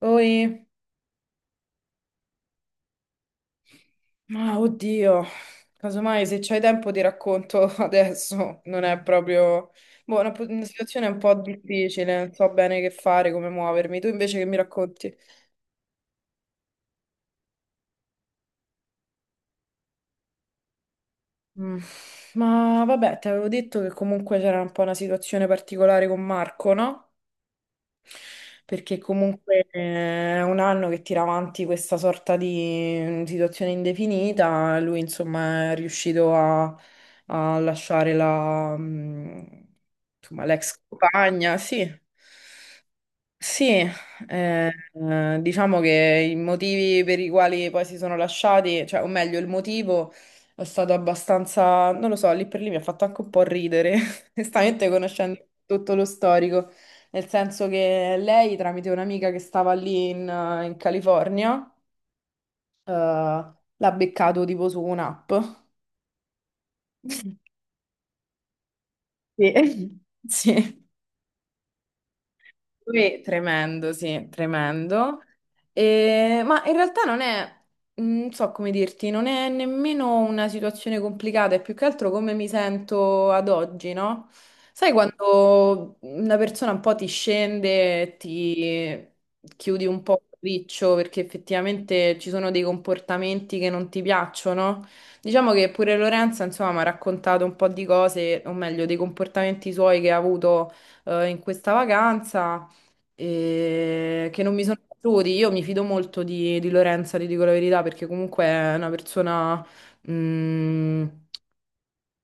Oi, ma oddio, casomai se c'hai tempo ti racconto adesso, non è proprio... Boh, una situazione un po' difficile, non so bene che fare, come muovermi. Tu invece che mi racconti? Mm, Ma vabbè, ti avevo detto che comunque c'era un po' una situazione particolare con Marco, no? Perché comunque è un anno che tira avanti questa sorta di situazione indefinita, lui insomma è riuscito a lasciare insomma, l'ex compagna, sì. Sì, diciamo che i motivi per i quali poi si sono lasciati, cioè, o meglio, il motivo è stato abbastanza, non lo so, lì per lì mi ha fatto anche un po' ridere, onestamente, conoscendo tutto lo storico, nel senso che lei, tramite un'amica che stava lì in California, l'ha beccato tipo su un'app. Sì. Sì. Tremendo, sì, tremendo. Ma in realtà non è, non so come dirti, non è nemmeno una situazione complicata, è più che altro come mi sento ad oggi, no? Sai, quando una persona un po' ti scende, ti chiudi un po' il riccio perché effettivamente ci sono dei comportamenti che non ti piacciono? Diciamo che pure Lorenza, insomma, mi ha raccontato un po' di cose, o meglio, dei comportamenti suoi che ha avuto in questa vacanza e che non mi sono piaciuti. Io mi fido molto di Lorenza, ti dico la verità, perché comunque è una persona mh,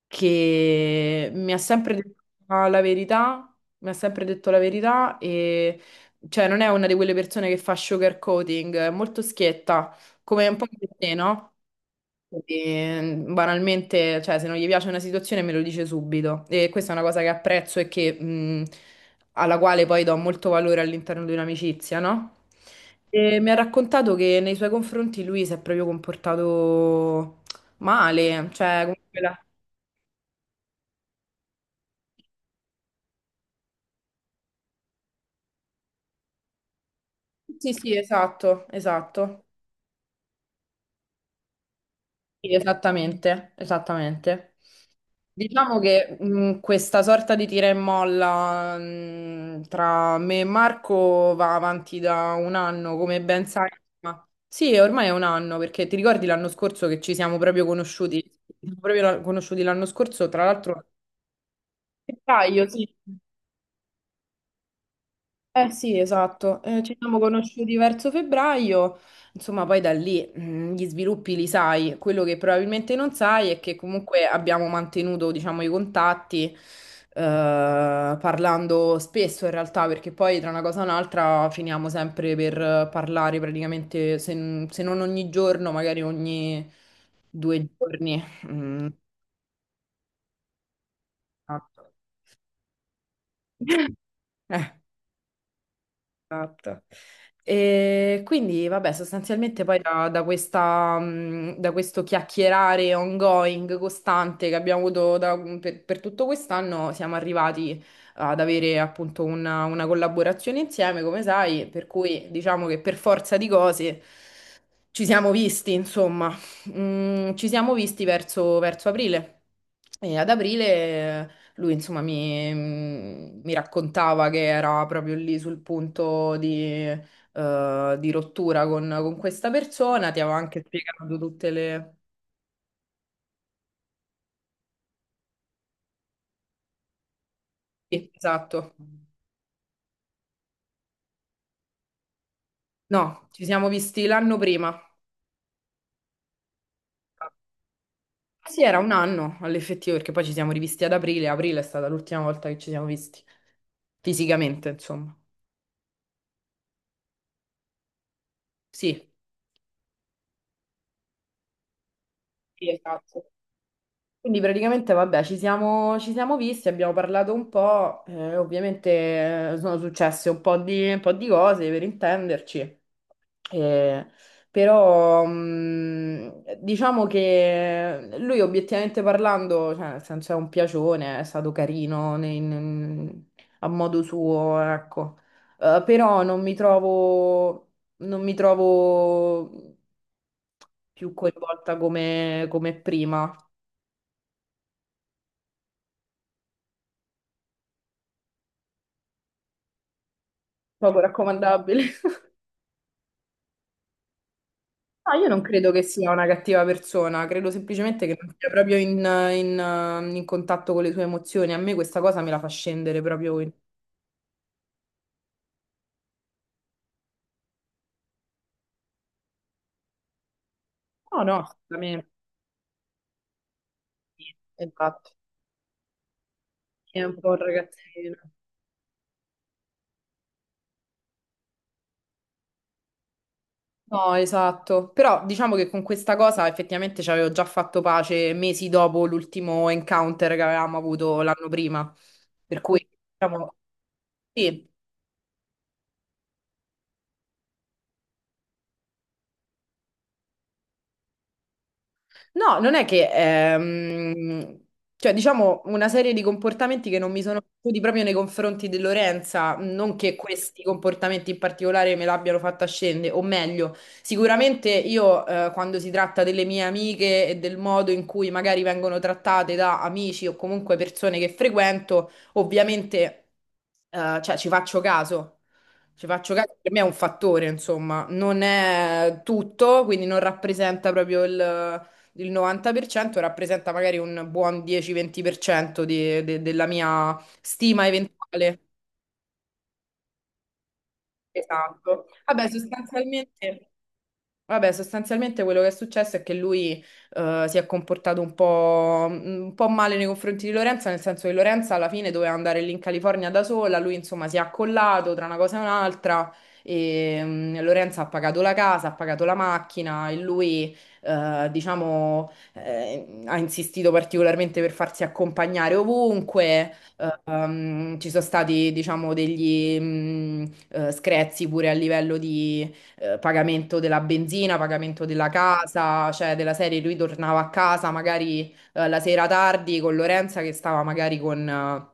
che mi ha sempre detto la verità, mi ha sempre detto la verità, e cioè non è una di quelle persone che fa sugarcoating, è molto schietta, come un po' di te, no? Quindi, banalmente, cioè, se non gli piace una situazione me lo dice subito. E questa è una cosa che apprezzo e che, alla quale poi do molto valore all'interno di un'amicizia, no? E mi ha raccontato che nei suoi confronti lui si è proprio comportato male, cioè, comunque Sì, sì, esatto, esatto. Sì, esattamente, esattamente. Diciamo che questa sorta di tira e molla tra me e Marco va avanti da 1 anno, come ben sai. Ma... sì, ormai è 1 anno, perché ti ricordi l'anno scorso, che ci siamo proprio conosciuti? Ci siamo proprio conosciuti l'anno scorso, tra l'altro, a febbraio, sì. Eh sì, esatto. Ci siamo conosciuti verso febbraio, insomma, poi da lì gli sviluppi li sai. Quello che probabilmente non sai è che comunque abbiamo mantenuto, diciamo, i contatti, parlando spesso in realtà, perché poi tra una cosa e un'altra finiamo sempre per parlare praticamente, se, se non ogni giorno, magari ogni 2 giorni. Mm, esatto. Eh. Esatto. E quindi, vabbè, sostanzialmente poi da questa, da questo chiacchierare ongoing, costante che abbiamo avuto per tutto quest'anno, siamo arrivati ad avere appunto una collaborazione insieme, come sai, per cui diciamo che per forza di cose ci siamo visti, insomma. Ci siamo visti verso, aprile. E ad aprile, lui, insomma, mi raccontava che era proprio lì sul punto di rottura con questa persona. Ti avevo anche spiegato tutte le... Sì, esatto. No, ci siamo visti l'anno prima. Ah, sì, era 1 anno all'effettivo, perché poi ci siamo rivisti ad aprile. Aprile è stata l'ultima volta che ci siamo visti fisicamente, insomma. Sì. Sì, esatto. Quindi praticamente, vabbè, ci siamo visti, abbiamo parlato un po', ovviamente sono successe un po' di, cose per intenderci, eh, però diciamo che lui, obiettivamente parlando, cioè, nel senso, è un piacione, è stato carino a modo suo, ecco. Però non mi trovo più coinvolta come prima, poco raccomandabile. No, io non credo che sia una cattiva persona, credo semplicemente che non sia proprio in contatto con le sue emozioni. A me questa cosa me la fa scendere proprio in... No, no, assolutamente. Esatto. È un po' un ragazzino. No, esatto. Però diciamo che con questa cosa effettivamente ci avevo già fatto pace mesi dopo l'ultimo encounter che avevamo avuto l'anno prima. Per cui, diciamo, sì. No, non è che, cioè, diciamo una serie di comportamenti che non mi sono piaciuti proprio nei confronti di Lorenza, non che questi comportamenti in particolare me l'abbiano fatta scendere, o meglio, sicuramente io, quando si tratta delle mie amiche e del modo in cui magari vengono trattate da amici o comunque persone che frequento, ovviamente cioè, ci faccio caso. Ci faccio caso, per me è un fattore, insomma, non è tutto, quindi non rappresenta proprio il 90%, rappresenta magari un buon 10-20% della mia stima eventuale. Esatto. Vabbè, sostanzialmente. Vabbè, sostanzialmente, quello che è successo è che lui si è comportato un po', un po' male nei confronti di Lorenza, nel senso che Lorenza alla fine doveva andare lì in California da sola, lui insomma si è accollato tra una cosa e un'altra e Lorenza ha pagato la casa, ha pagato la macchina, e lui diciamo ha insistito particolarmente per farsi accompagnare ovunque. Ci sono stati, diciamo, degli screzi pure a livello di pagamento della benzina, pagamento della casa, cioè della serie lui tornava a casa magari la sera tardi, con Lorenza che stava magari con, eh,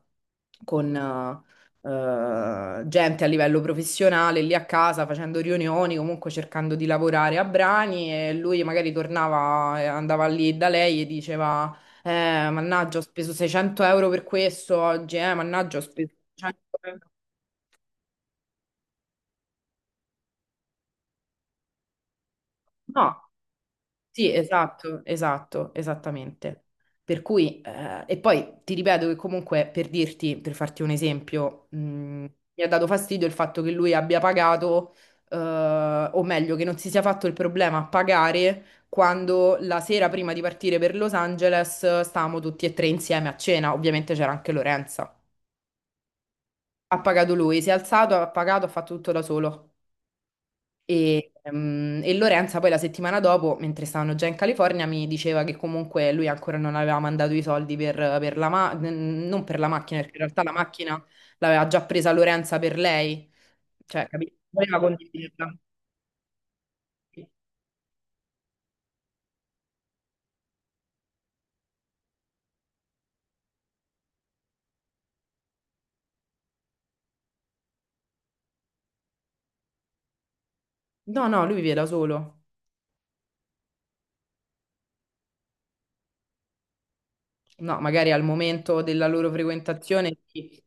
con eh, eh, gente a livello professionale lì a casa facendo riunioni, comunque cercando di lavorare a brani, e lui magari tornava, andava lì da lei e diceva mannaggia, ho speso 600 euro per questo oggi, mannaggia, ho speso 100 euro. No. Sì, esatto, esatto, esattamente. Per cui, e poi ti ripeto che comunque, per dirti, per farti un esempio, mi ha dato fastidio il fatto che lui abbia pagato, eh, o meglio, che non si sia fatto il problema a pagare quando, la sera prima di partire per Los Angeles, stavamo tutti e tre insieme a cena. Ovviamente c'era anche Lorenza. Ha pagato lui, si è alzato, ha pagato, ha fatto tutto da solo. E Lorenza poi la settimana dopo, mentre stavano già in California, mi diceva che comunque lui ancora non aveva mandato i soldi per la non per la macchina, perché in realtà la macchina l'aveva già presa Lorenza per lei, cioè, capito? Voleva condividerla. No, no, lui vive da solo. No, magari al momento della loro frequentazione sì.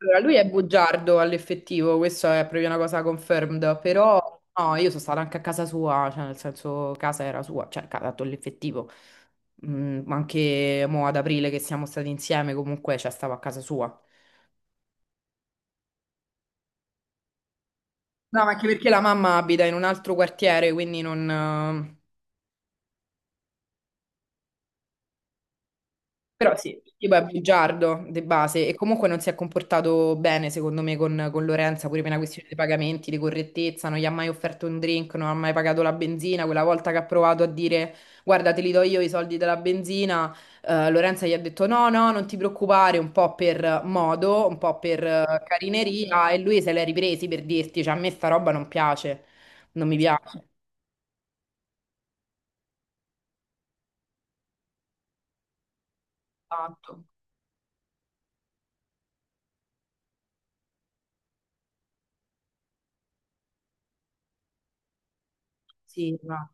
Allora, lui è bugiardo all'effettivo, questo è proprio una cosa confirmed, però no, io sono stata anche a casa sua, cioè nel senso casa era sua, cioè casa dato l'effettivo. Ma anche mo ad aprile, che siamo stati insieme comunque, cioè stavo a casa sua. No, ma anche perché la mamma abita in un altro quartiere, quindi non, però sì, il tipo è bugiardo di base e comunque non si è comportato bene secondo me con Lorenza, pure per una questione dei pagamenti, di correttezza: non gli ha mai offerto un drink, non ha mai pagato la benzina; quella volta che ha provato a dire guarda, te li do io i soldi della benzina, Lorenza gli ha detto no, no, non ti preoccupare, un po' per modo, un po' per carineria, e lui se l'è ripresi. Per dirti, cioè a me sta roba non piace, non mi piace tanto. Sì, ma...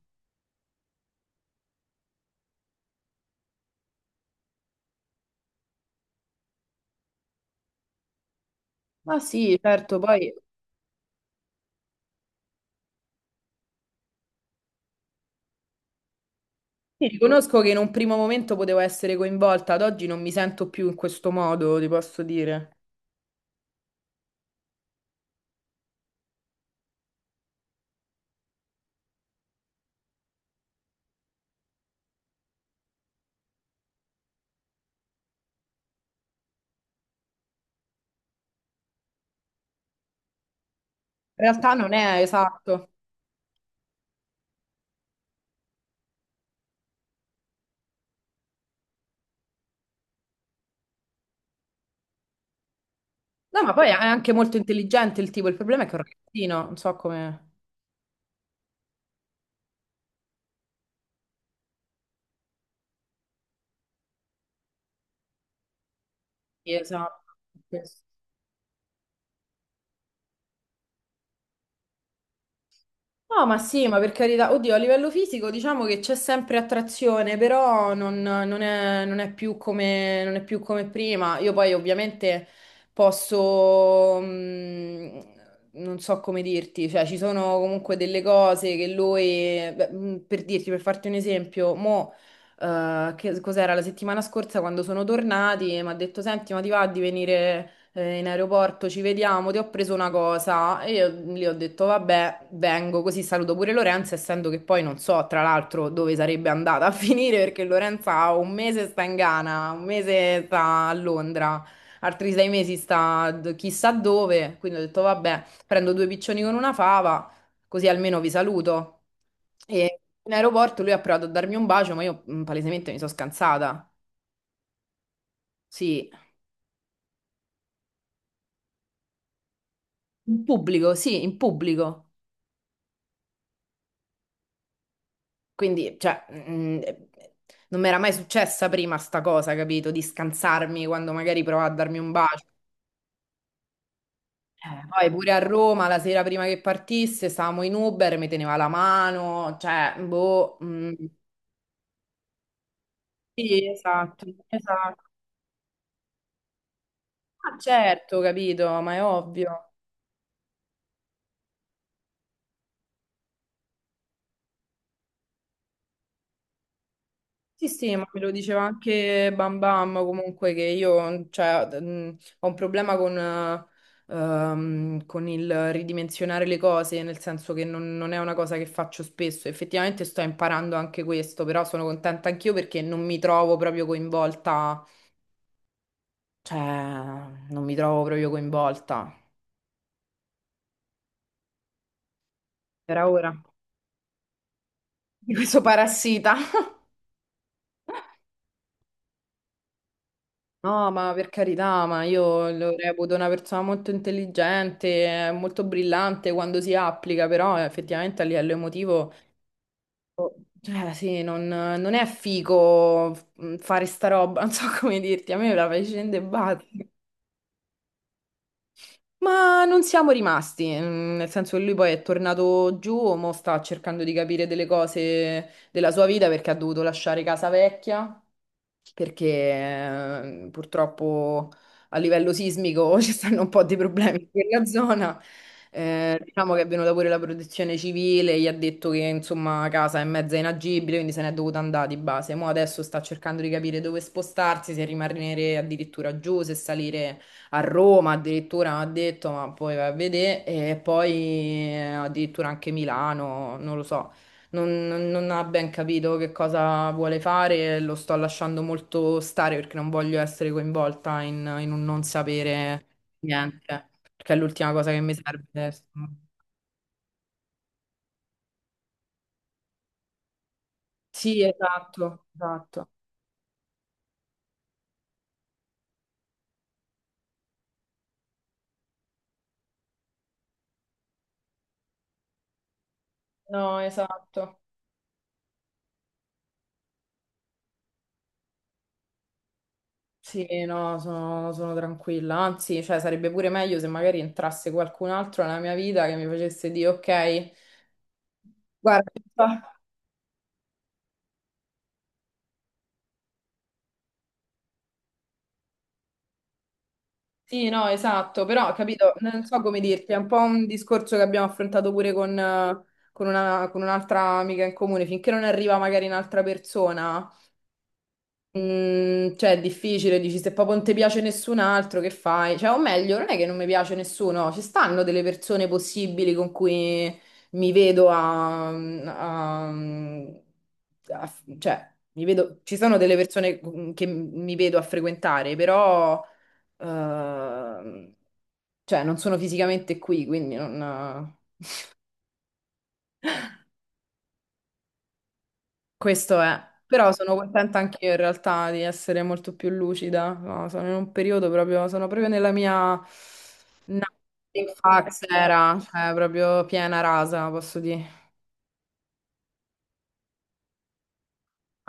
Ma sì, certo, poi riconosco che in un primo momento potevo essere coinvolta, ad oggi non mi sento più in questo modo, ti posso dire. In realtà non è esatto. No, ma poi è anche molto intelligente il tipo, il problema è che è un ragazzino, non so come... Sì, esatto. No, ma sì, ma per carità, oddio, a livello fisico diciamo che c'è sempre attrazione, però non, non è, non è più come, non è più come prima. Io poi ovviamente posso, non so come dirti, cioè ci sono comunque delle cose che lui, beh, per dirti, per farti un esempio, mo, che cos'era la settimana scorsa quando sono tornati, mi ha detto senti, ma ti va di venire in aeroporto, ci vediamo, ti ho preso una cosa, e io lì ho detto vabbè, vengo, così saluto pure Lorenza, essendo che poi non so tra l'altro dove sarebbe andata a finire, perché Lorenza 1 mese sta in Ghana, 1 mese sta a Londra, altri 6 mesi sta chissà dove, quindi ho detto vabbè, prendo due piccioni con una fava, così almeno vi saluto. E in aeroporto lui ha provato a darmi un bacio, ma io palesemente mi sono scansata. Sì, in pubblico, sì, in pubblico. Quindi, cioè, non mi era mai successa prima sta cosa, capito? Di scansarmi quando magari provava a darmi un bacio. Poi pure a Roma, la sera prima che partisse, stavamo in Uber, mi teneva la mano, cioè, boh, sì, esatto, esatto. Ah, certo, capito, ma è ovvio. Sì, sì, ma me lo diceva anche Bam Bam, comunque, che io cioè, ho un problema con il ridimensionare le cose, nel senso che non è una cosa che faccio spesso. Effettivamente sto imparando anche questo, però sono contenta anch'io perché non mi trovo proprio coinvolta, cioè non mi trovo proprio coinvolta, per ora, di questo parassita. No, ma per carità, ma io lo reputo una persona molto intelligente, molto brillante quando si applica, però effettivamente a livello emotivo, cioè sì, non è figo fare sta roba, non so come dirti, a me me la fai scendere e basta. Ma non siamo rimasti, nel senso che lui poi è tornato giù, mo sta cercando di capire delle cose della sua vita perché ha dovuto lasciare casa vecchia, perché purtroppo a livello sismico ci stanno un po' di problemi in quella zona. Diciamo che è venuta pure la protezione civile, gli ha detto che insomma casa è mezza inagibile, quindi se n'è dovuta andare di base. Mo adesso sta cercando di capire dove spostarsi: se rimanere addirittura giù, se salire a Roma, addirittura ha detto, ma poi va a vedere, e poi addirittura anche Milano, non lo so, non, non ha ben capito che cosa vuole fare, e lo sto lasciando molto stare, perché non voglio essere coinvolta in un non sapere niente, perché è l'ultima cosa che mi serve adesso. Sì, esatto, esatto. No, esatto. Sì, no, sono, sono tranquilla. Anzi, cioè, sarebbe pure meglio se magari entrasse qualcun altro nella mia vita, che mi facesse dire ok, guarda, sì, no, esatto, però capito, non so come dirti, è un po' un discorso che abbiamo affrontato pure con un'altra amica in comune, finché non arriva magari un'altra persona, cioè è difficile, dici, se proprio non ti piace nessun altro, che fai? Cioè, o meglio, non è che non mi piace nessuno, ci stanno delle persone possibili con cui mi vedo a- a- cioè, mi vedo, ci sono delle persone che mi vedo a frequentare, però... Ehm, cioè, non sono fisicamente qui, quindi non... questo è. Però sono contenta anche io in realtà di essere molto più lucida. No, sono in un periodo proprio, sono proprio nella mia nothing fax era, cioè proprio piena rasa, posso dire.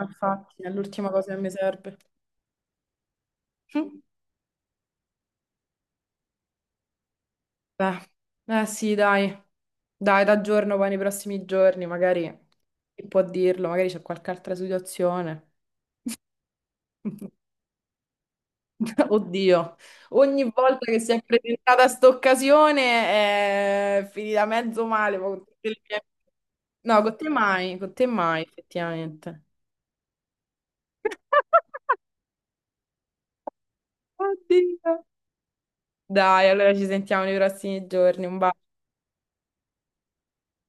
Infatti, è l'ultima cosa che mi serve. Mm. Beh, eh sì, dai. Dai, t'aggiorno poi nei prossimi giorni, magari chi può dirlo, magari c'è qualche altra situazione. Oddio, ogni volta che si è presentata sta occasione è finita mezzo male. Ma con tutte le mie... No, con te mai, effettivamente. Oddio. Dai, allora ci sentiamo nei prossimi giorni. Un bacio.